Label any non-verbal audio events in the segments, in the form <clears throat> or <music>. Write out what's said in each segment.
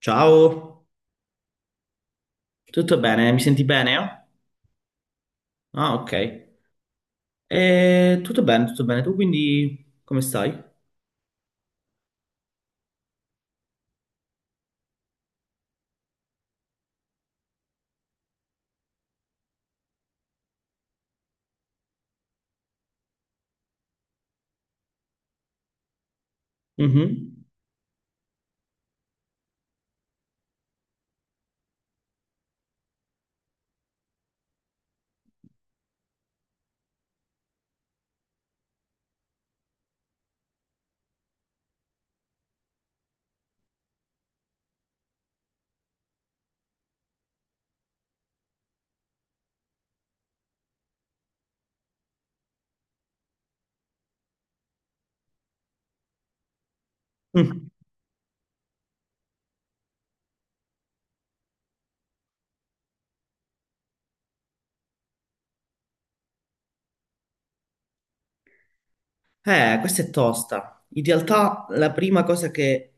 Ciao, tutto bene? Mi senti bene? Ah, ok. Tutto bene, tutto bene. Tu quindi come stai? Mhm. Mm. Questa è tosta. In realtà la prima cosa che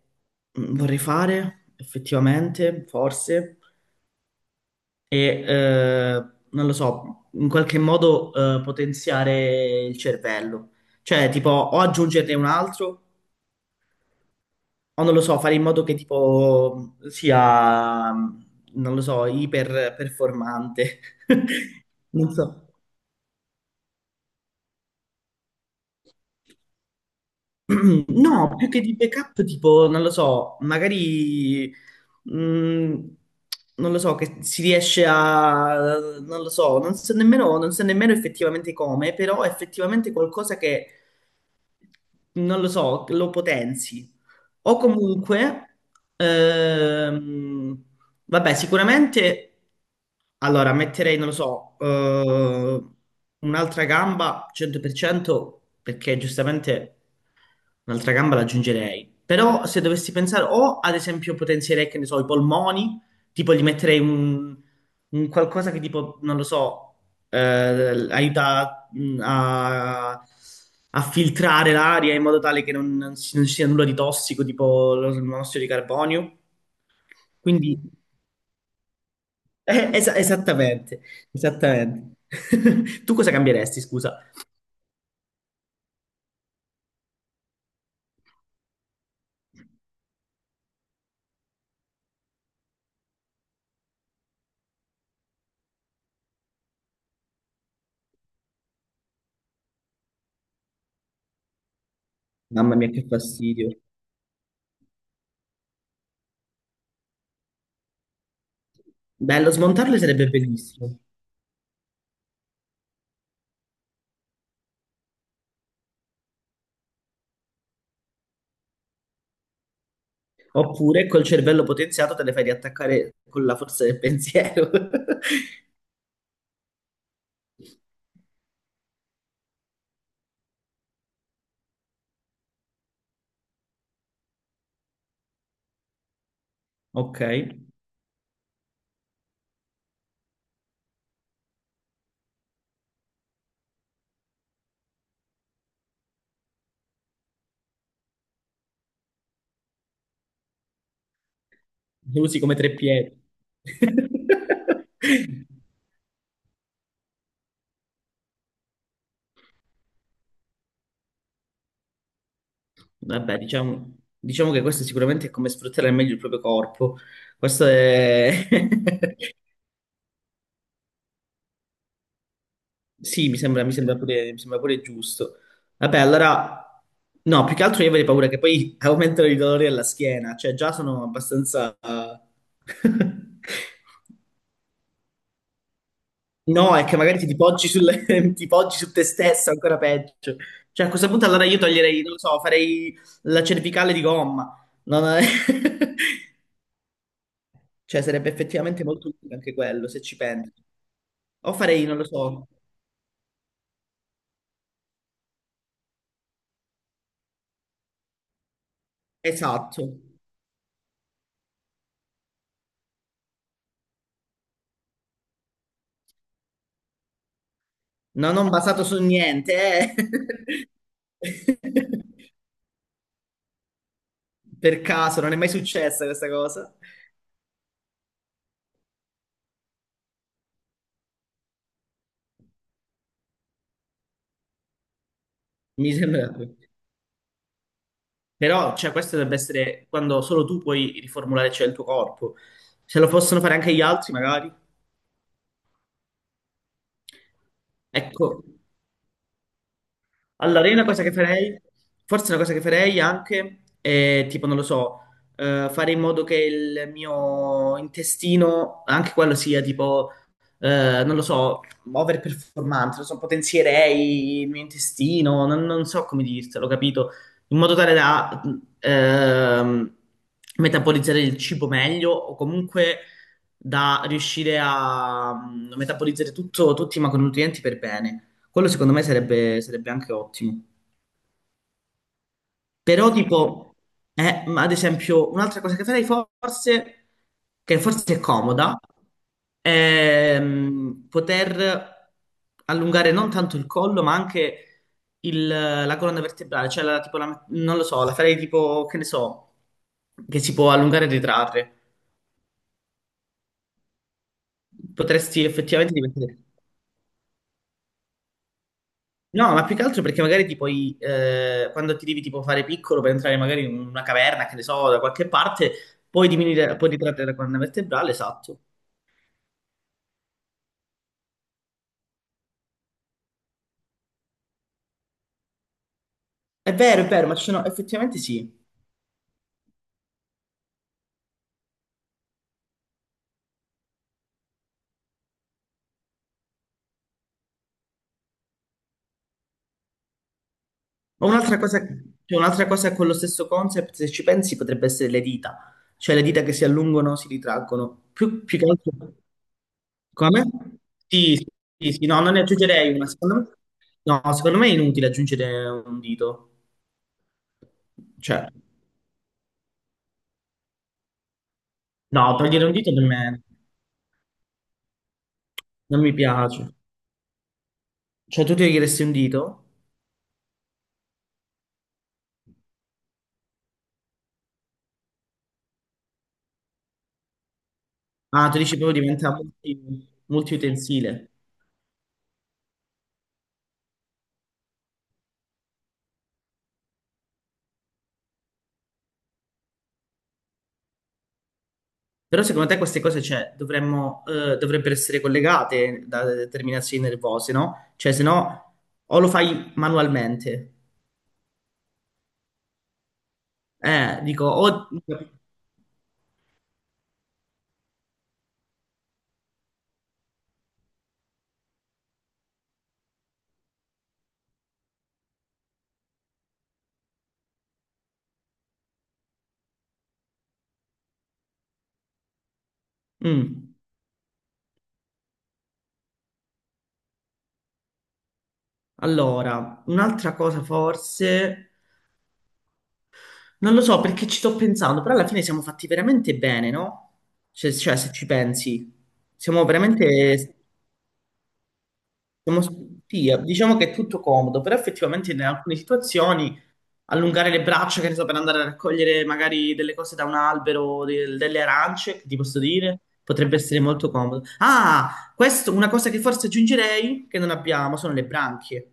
vorrei fare, effettivamente, forse, è, non lo so, in qualche modo potenziare il cervello. Cioè, tipo, o aggiungerne un altro, o non lo so, fare in modo che tipo sia, non lo so, iper performante. <laughs> Non so. <clears throat> No, più che di backup, tipo, non lo so, magari, mm, non lo so, che si riesce a, non lo so, non so nemmeno effettivamente come, però effettivamente qualcosa che, non lo so, lo potenzi. O comunque, ehm, vabbè, sicuramente, allora, metterei, non lo so, un'altra gamba 100% perché giustamente un'altra gamba l'aggiungerei. Però se dovessi pensare, o ad esempio potenzierei, che ne so, i polmoni. Tipo gli metterei un qualcosa che tipo, non lo so, aiuta a filtrare l'aria in modo tale che non ci sia nulla di tossico, tipo il monossido di carbonio. Quindi, <laughs> esattamente, esattamente. <laughs> Tu cosa cambieresti, scusa? Mamma mia, che fastidio. Bello, smontarle sarebbe bellissimo. Oppure col cervello potenziato te le fai riattaccare con la forza del pensiero. <laughs> Ok. Lo usi come tre piedi. <laughs> Vabbè, diciamo che questo sicuramente è come sfruttare al meglio il proprio corpo. Questo è. <laughs> Sì, mi sembra pure giusto. Vabbè, allora. No, più che altro io avrei paura che poi <laughs> aumentano i dolori alla schiena. Cioè, già sono abbastanza. <laughs> No, è che magari <laughs> ti poggi su te stesso, ancora peggio. Cioè, a questo punto allora io toglierei, non lo so, farei la cervicale di gomma. Non è- <laughs> Cioè, sarebbe effettivamente molto utile anche quello, se ci pensi. O farei, non lo so, esatto. No, non basato su niente, eh. <laughs> Per caso, non è mai successa questa cosa. Mi sembra. Però, cioè, questo dovrebbe essere quando solo tu puoi riformulare, cioè, il tuo corpo. Se lo possono fare anche gli altri, magari. Ecco. Allora, io una cosa che farei, forse una cosa che farei anche, è tipo, non lo so, fare in modo che il mio intestino, anche quello sia tipo, non lo so, overperformante, non so, potenzierei il mio intestino, non so come dirtelo, capito? In modo tale da ehm, metabolizzare il cibo meglio o comunque da riuscire a metabolizzare tutto, tutti i macronutrienti per bene. Quello secondo me sarebbe, sarebbe anche ottimo. Però tipo, ma ad esempio, un'altra cosa che farei forse, che forse è comoda, è poter allungare non tanto il collo, ma anche la colonna vertebrale. Cioè, tipo, non lo so, la farei tipo, che ne so, che si può allungare e ritrarre. Potresti effettivamente diventare. No, ma più che altro perché magari ti puoi, quando ti devi tipo fare piccolo per entrare magari in una caverna, che ne so, da qualche parte, puoi diminuire, puoi ritrarre la colonna vertebrale, esatto. È vero, ma ci sono, effettivamente sì. Ma un'altra cosa, cioè, un'altra cosa con lo stesso concept, se ci pensi, potrebbe essere le dita. Cioè le dita che si allungano, si ritraggono. Più che altro. Come? Sì, sì, sì, sì, no, non ne aggiungerei una. Secondo me. No, secondo me è inutile aggiungere un dito. Cioè, no, togliere un dito per me. Non mi piace. Cioè, tu ti chiederesti un dito? Ah, tu dici proprio diventa multiutensile. Però secondo te queste cose, cioè, dovremmo, dovrebbero essere collegate da determinazioni nervose, no? Cioè, se no, o lo fai manualmente. Dico, o. Mm. Allora, un'altra cosa forse. Non lo so perché ci sto pensando, però alla fine siamo fatti veramente bene, no? Cioè, se ci pensi, siamo veramente. Diciamo che è tutto comodo, però effettivamente in alcune situazioni allungare le braccia, che ne so, per andare a raccogliere magari delle cose da un albero, delle arance, che ti posso dire, potrebbe essere molto comodo. Ah, questo, una cosa che forse aggiungerei, che non abbiamo, sono le branchie.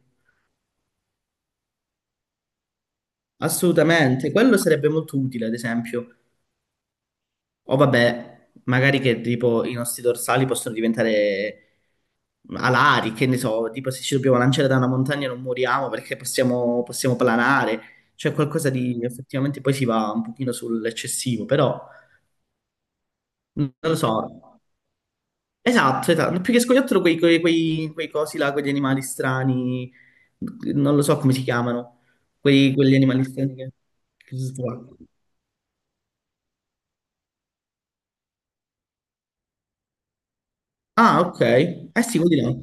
Assolutamente, quello sarebbe molto utile, ad esempio. O vabbè, magari che tipo i nostri dorsali possono diventare alari, che ne so, tipo se ci dobbiamo lanciare da una montagna non moriamo perché possiamo, possiamo planare, cioè qualcosa di effettivamente poi si va un pochino sull'eccessivo, però non lo so. Esatto, esatto, più che scoiattolo quei cosi là, quegli animali strani, non lo so come si chiamano, quegli animali strani che si trovano. Ah, ok, eh sì, quelli là.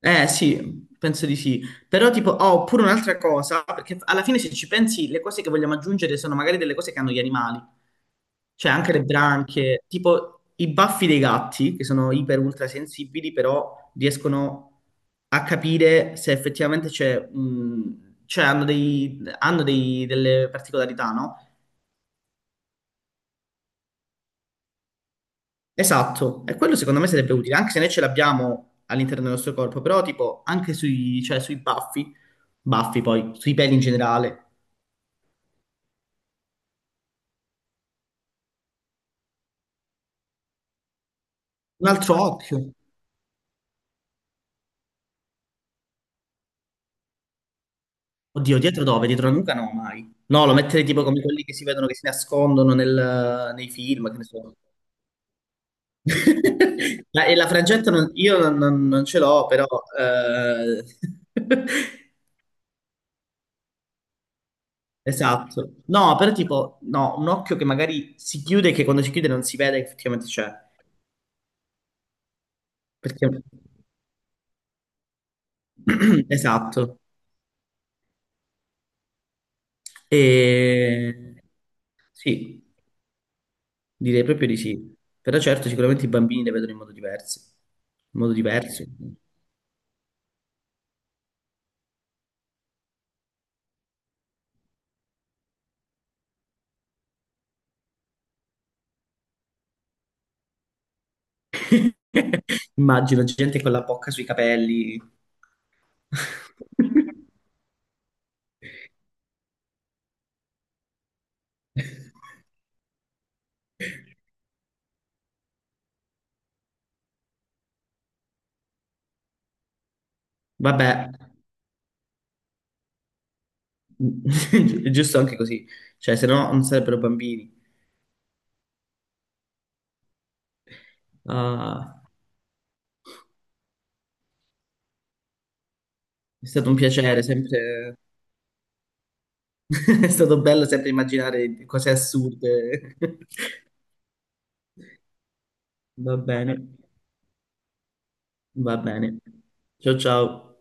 Eh sì, penso di sì. Però tipo, oh, oppure un'altra cosa, perché alla fine se ci pensi, le cose che vogliamo aggiungere sono magari delle cose che hanno gli animali, cioè anche le branchie, tipo i baffi dei gatti, che sono iper ultra sensibili, però riescono a capire se effettivamente c'è, cioè hanno delle particolarità, no? Esatto, e quello secondo me sarebbe utile, anche se noi ce l'abbiamo all'interno del nostro corpo, però tipo anche sui, cioè, sui baffi. Baffi poi, sui peli in generale. Un altro occhio. Oddio, dietro dove? Dietro la nuca no, mai. No, lo metterei tipo come quelli che si vedono che si nascondono nei film, che ne so. <laughs> E la frangetta io non ce l'ho, però. eh, <laughs> Esatto. No, però tipo, no, un occhio che magari si chiude e che quando si chiude non si vede che effettivamente c'è. Perché. <clears throat> Esatto. E... Sì. Direi proprio di sì. Però certo, sicuramente i bambini le vedono in modo diverso. In modo diverso. <laughs> Immagino gente con la bocca sui capelli. <laughs> Vabbè, <laughs> è giusto anche così. Cioè, se no non sarebbero bambini. Ah, è stato un piacere, sempre. <laughs> È stato bello sempre immaginare cose assurde. <laughs> Va bene, va bene. Ciao ciao.